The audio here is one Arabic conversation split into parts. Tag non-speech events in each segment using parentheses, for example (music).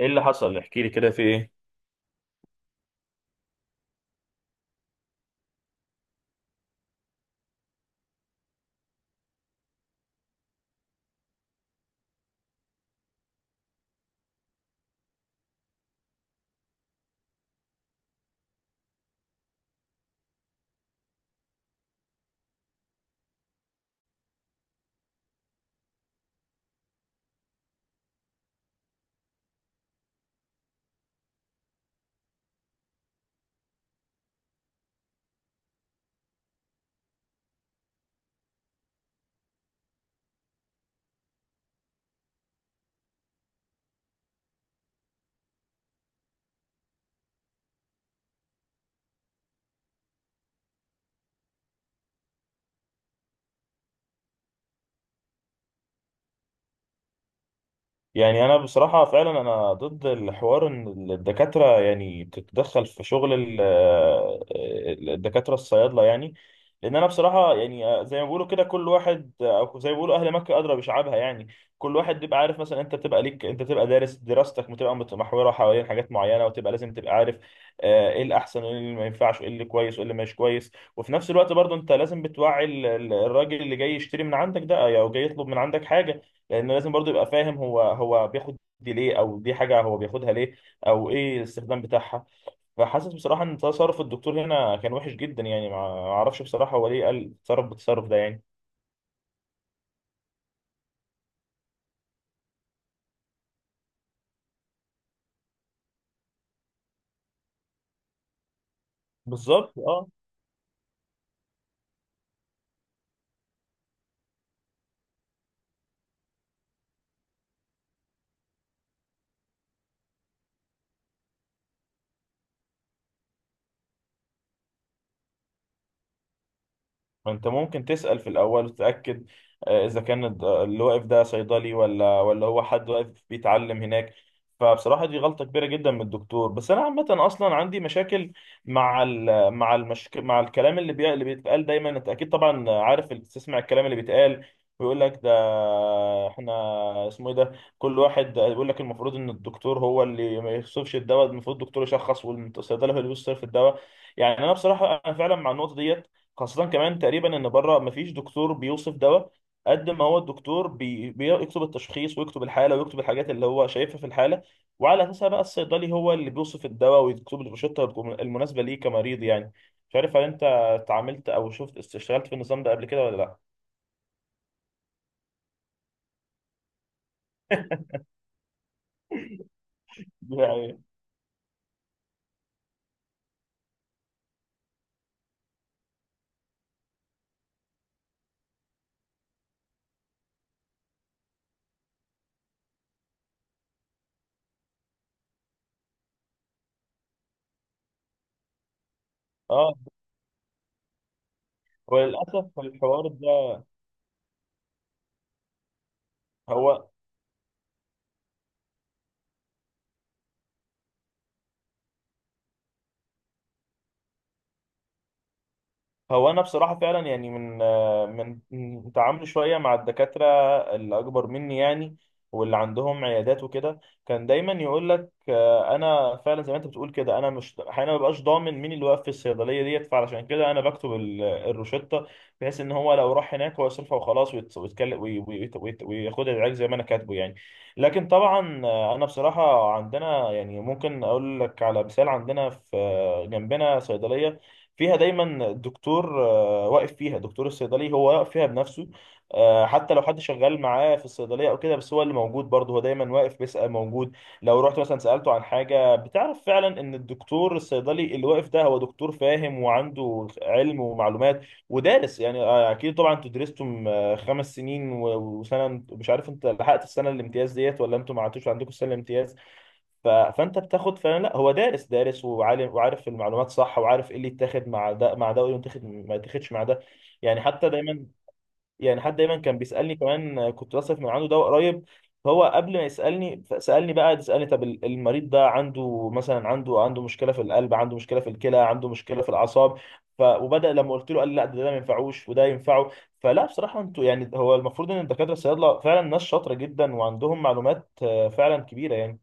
ايه اللي حصل؟ احكي لي، كده في ايه؟ يعني انا بصراحه فعلا انا ضد الحوار ان الدكاتره يعني تتدخل في شغل الدكاتره الصيادله، يعني لان انا بصراحه، يعني زي ما بيقولوا كده كل واحد، او زي ما بيقولوا اهل مكه ادرى بشعابها، يعني كل واحد بيبقى عارف. مثلا انت بتبقى دارس، دراستك بتبقى متمحوره حوالين حاجات معينه، وتبقى لازم تبقى عارف ايه الاحسن وايه اللي ما ينفعش وايه اللي كويس وايه اللي مش كويس. وفي نفس الوقت برضه انت لازم بتوعي الراجل اللي جاي يشتري من عندك ده او جاي يطلب من عندك حاجه، لان لازم برضو يبقى فاهم هو بياخد دي ليه، او دي حاجه هو بياخدها ليه، او ايه الاستخدام بتاعها. فحاسس بصراحه ان تصرف الدكتور هنا كان وحش جدا، يعني ما اعرفش بصراحه هو ليه قال تصرف بالتصرف ده، يعني. بالظبط، اه. انت ممكن تسأل في الاول وتتأكد، اذا كان اللي واقف ده صيدلي ولا هو حد واقف بيتعلم هناك. فبصراحة دي غلطة كبيرة جدا من الدكتور. بس انا عامة اصلا عندي مشاكل مع ال مع المشك... مع الكلام اللي بيتقال دايما. انت اكيد طبعا عارف، تسمع الكلام اللي بيتقال ويقول لك ده، احنا اسمه ايه ده، كل واحد يقول لك المفروض ان الدكتور هو اللي ما يخصفش الدواء، المفروض الدكتور يشخص والصيدلي هو اللي بيوصف الدواء. يعني انا بصراحة انا فعلا مع النقطة ديت، خاصة كمان تقريبا ان بره مفيش دكتور بيوصف دواء، قد ما هو الدكتور بيكتب التشخيص ويكتب الحالة ويكتب الحاجات اللي هو شايفها في الحالة، وعلى اساسها بقى الصيدلي هو اللي بيوصف الدواء ويكتب لي الروشتة المناسبة ليه كمريض، يعني. مش عارف، هل انت اتعاملت او شفت اشتغلت في النظام ده قبل كده ولا لا؟ يعني اه. وللاسف الحوار ده، هو هو انا بصراحه فعلا يعني من آه، من من تعاملي شويه مع الدكاتره اللي اكبر مني، يعني، واللي عندهم عيادات وكده. كان دايما يقول لك انا فعلا زي ما انت بتقول كده، انا مش احيانا ما ببقاش ضامن مين اللي واقف في الصيدليه ديت، فعلشان كده انا بكتب الروشته بحيث ان هو لو راح هناك هو يصرفها وخلاص، ويتكلم وياخد العلاج زي ما انا كاتبه، يعني. لكن طبعا انا بصراحه عندنا، يعني ممكن اقول لك على مثال، عندنا في جنبنا صيدليه فيها دايما دكتور، واقف فيها دكتور الصيدلي، هو واقف فيها بنفسه. حتى لو حد شغال معاه في الصيدلية أو كده، بس هو اللي موجود برضه، هو دايما واقف بيسأل موجود. لو رحت مثلا سألته عن حاجة، بتعرف فعلا إن الدكتور الصيدلي اللي واقف ده هو دكتور فاهم وعنده علم ومعلومات ودارس، يعني أكيد طبعا أنتوا درستم 5 سنين وسنة، مش عارف أنت لحقت السنة الامتياز ديت ولا أنتوا ما عدتوش عندكم السنة الامتياز. فانت بتاخد فعلا، لا هو دارس دارس وعالم وعارف المعلومات صح، وعارف ايه اللي يتاخد مع ده مع ده وايه اللي يتاخد ما يتاخدش مع ده. يعني حتى دايما، يعني حد دايما كان بيسالني كمان، كنت بصرف من عنده دواء قريب، فهو قبل ما يسالني سالني بقى، قعد يسالني طب المريض ده عنده مثلا، عنده مشكله في القلب، عنده مشكله في الكلى، عنده مشكله في الاعصاب. وبدا لما قلت له قال لي لا، ده ما ينفعوش وده ينفعه. فلا بصراحه انتوا، يعني هو المفروض ان الدكاتره الصيادله فعلا ناس شاطره جدا وعندهم معلومات فعلا كبيره، يعني.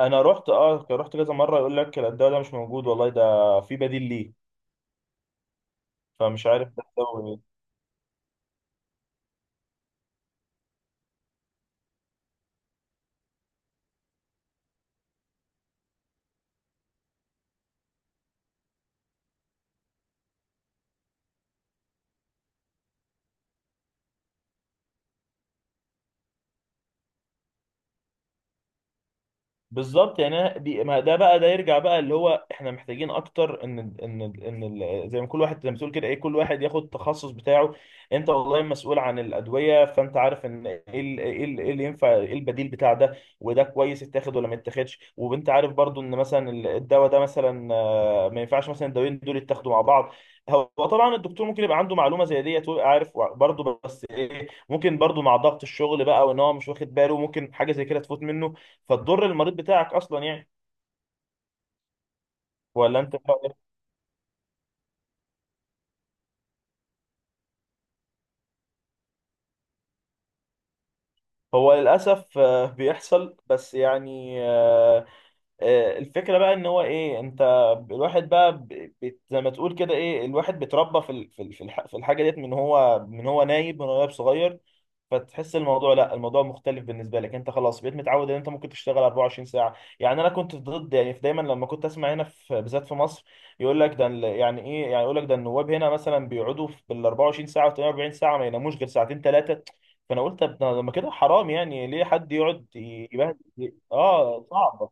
انا رحت كذا مره يقول لك لا، الدواء ده مش موجود والله، ده في بديل ليه. فمش عارف ده، بالظبط، يعني. دي، ما ده بقى، ده يرجع بقى اللي هو احنا محتاجين اكتر، ان زي ما كل واحد، زي ما بتقول كده ايه، كل واحد ياخد التخصص بتاعه. انت والله مسؤول عن الادويه، فانت عارف ان ايه إيه اللي ينفع، ايه البديل بتاع ده، وده كويس يتاخد ولا ما يتاخدش. وانت عارف برضو ان مثلا الدواء ده مثلا ما ينفعش مثلا الدوايين دول يتاخدوا مع بعض. هو طبعا الدكتور ممكن يبقى عنده معلومه زي ديت ويبقى عارف برضه، بس ايه، ممكن برضه مع ضغط الشغل بقى وان هو مش واخد باله ممكن حاجه زي كده تفوت منه، فتضر المريض بتاعك اصلا، يعني. ولا انت إيه رأيك؟ هو للاسف بيحصل، بس يعني الفكره بقى ان هو ايه، انت الواحد بقى، زي ما تقول كده ايه، الواحد بيتربى في الحاجه ديت من هو نايب صغير. فتحس الموضوع، لا، الموضوع مختلف بالنسبه لك، انت خلاص بقيت متعود ان انت ممكن تشتغل 24 ساعه. يعني انا كنت ضد، يعني في دايما لما كنت اسمع هنا في بالذات في مصر يقول لك ده يعني ايه، يعني يقول لك ده النواب هنا مثلا بيقعدوا بال 24 ساعه و 48 ساعه، ما يناموش غير ساعتين ثلاثه. فانا قلت طب لما كده حرام، يعني ليه حد يقعد يبهدل، اه صعبه.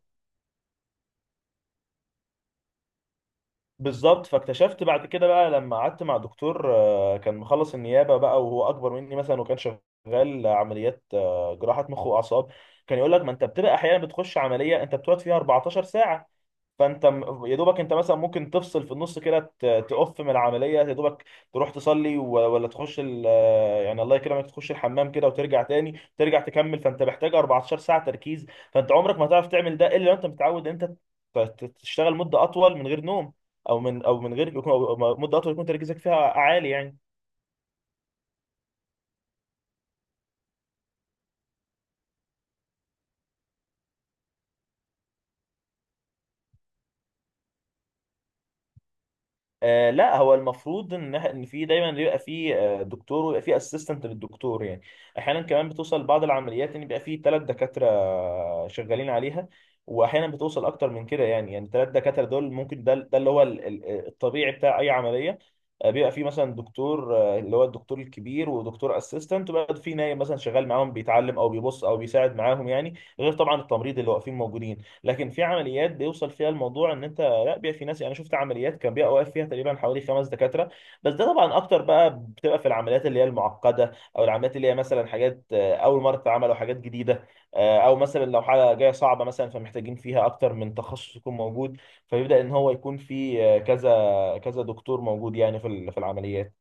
بالظبط. فاكتشفت بعد كده بقى، لما قعدت مع دكتور كان مخلص النيابه بقى، وهو اكبر مني مثلا، وكان شغال عمليات جراحه مخ واعصاب. كان يقول لك ما انت بتبقى احيانا بتخش عمليه انت بتقعد فيها 14 ساعه، فانت يا دوبك، انت مثلا ممكن تفصل في النص كده، تقف من العمليه يا دوبك، تروح تصلي، ولا تخش يعني الله يكرمك تخش الحمام كده وترجع تاني، ترجع تكمل. فانت محتاج 14 ساعه تركيز، فانت عمرك ما هتعرف تعمل ده الا لو انت متعود انت تشتغل مده اطول من غير نوم، او من او من غير يكون- أو مده اطول يكون تركيزك فيها عالي، يعني. آه لا، هو المفروض ان في دايما بيبقى في دكتور ويبقى في اسيستنت للدكتور، يعني احيانا كمان بتوصل بعض العمليات ان بيبقى في ثلاث دكاتره شغالين عليها. واحيانا بتوصل اكتر من كده، يعني ثلاث دكاتره دول ممكن، ده اللي هو الطبيعي بتاع اي عمليه. بيبقى في مثلا دكتور اللي هو الدكتور الكبير، ودكتور اسيستنت، وبقى في نايم مثلا شغال معاهم بيتعلم او بيبص او بيساعد معاهم، يعني، غير طبعا التمريض اللي واقفين موجودين. لكن في عمليات بيوصل فيها الموضوع ان انت لا بيبقى في ناس، يعني شفت عمليات كان بيبقى واقف فيها تقريبا حوالي خمس دكاتره. بس ده طبعا اكتر بقى، بتبقى في العمليات اللي هي المعقده، او العمليات اللي هي مثلا حاجات اول مره تتعمل، او حاجات جديده، او مثلا لو حاجه جايه صعبه مثلا فمحتاجين فيها اكتر من تخصص يكون موجود. فبيبدا ان هو يكون في كذا كذا دكتور موجود، يعني في العمليات.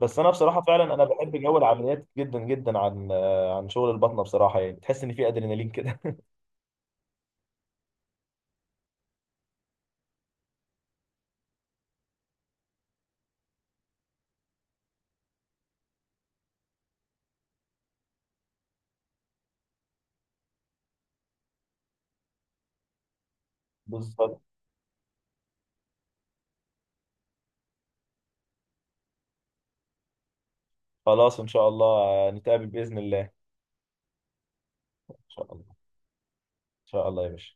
بس انا بصراحه فعلا انا بحب جو العمليات جدا جدا عن عن شغل البطنه بصراحه، يعني تحس ان في ادرينالين كده. (laughs) بالظبط. خلاص ان شاء الله، نتقابل باذن الله، ان شاء الله ان شاء الله يا باشا.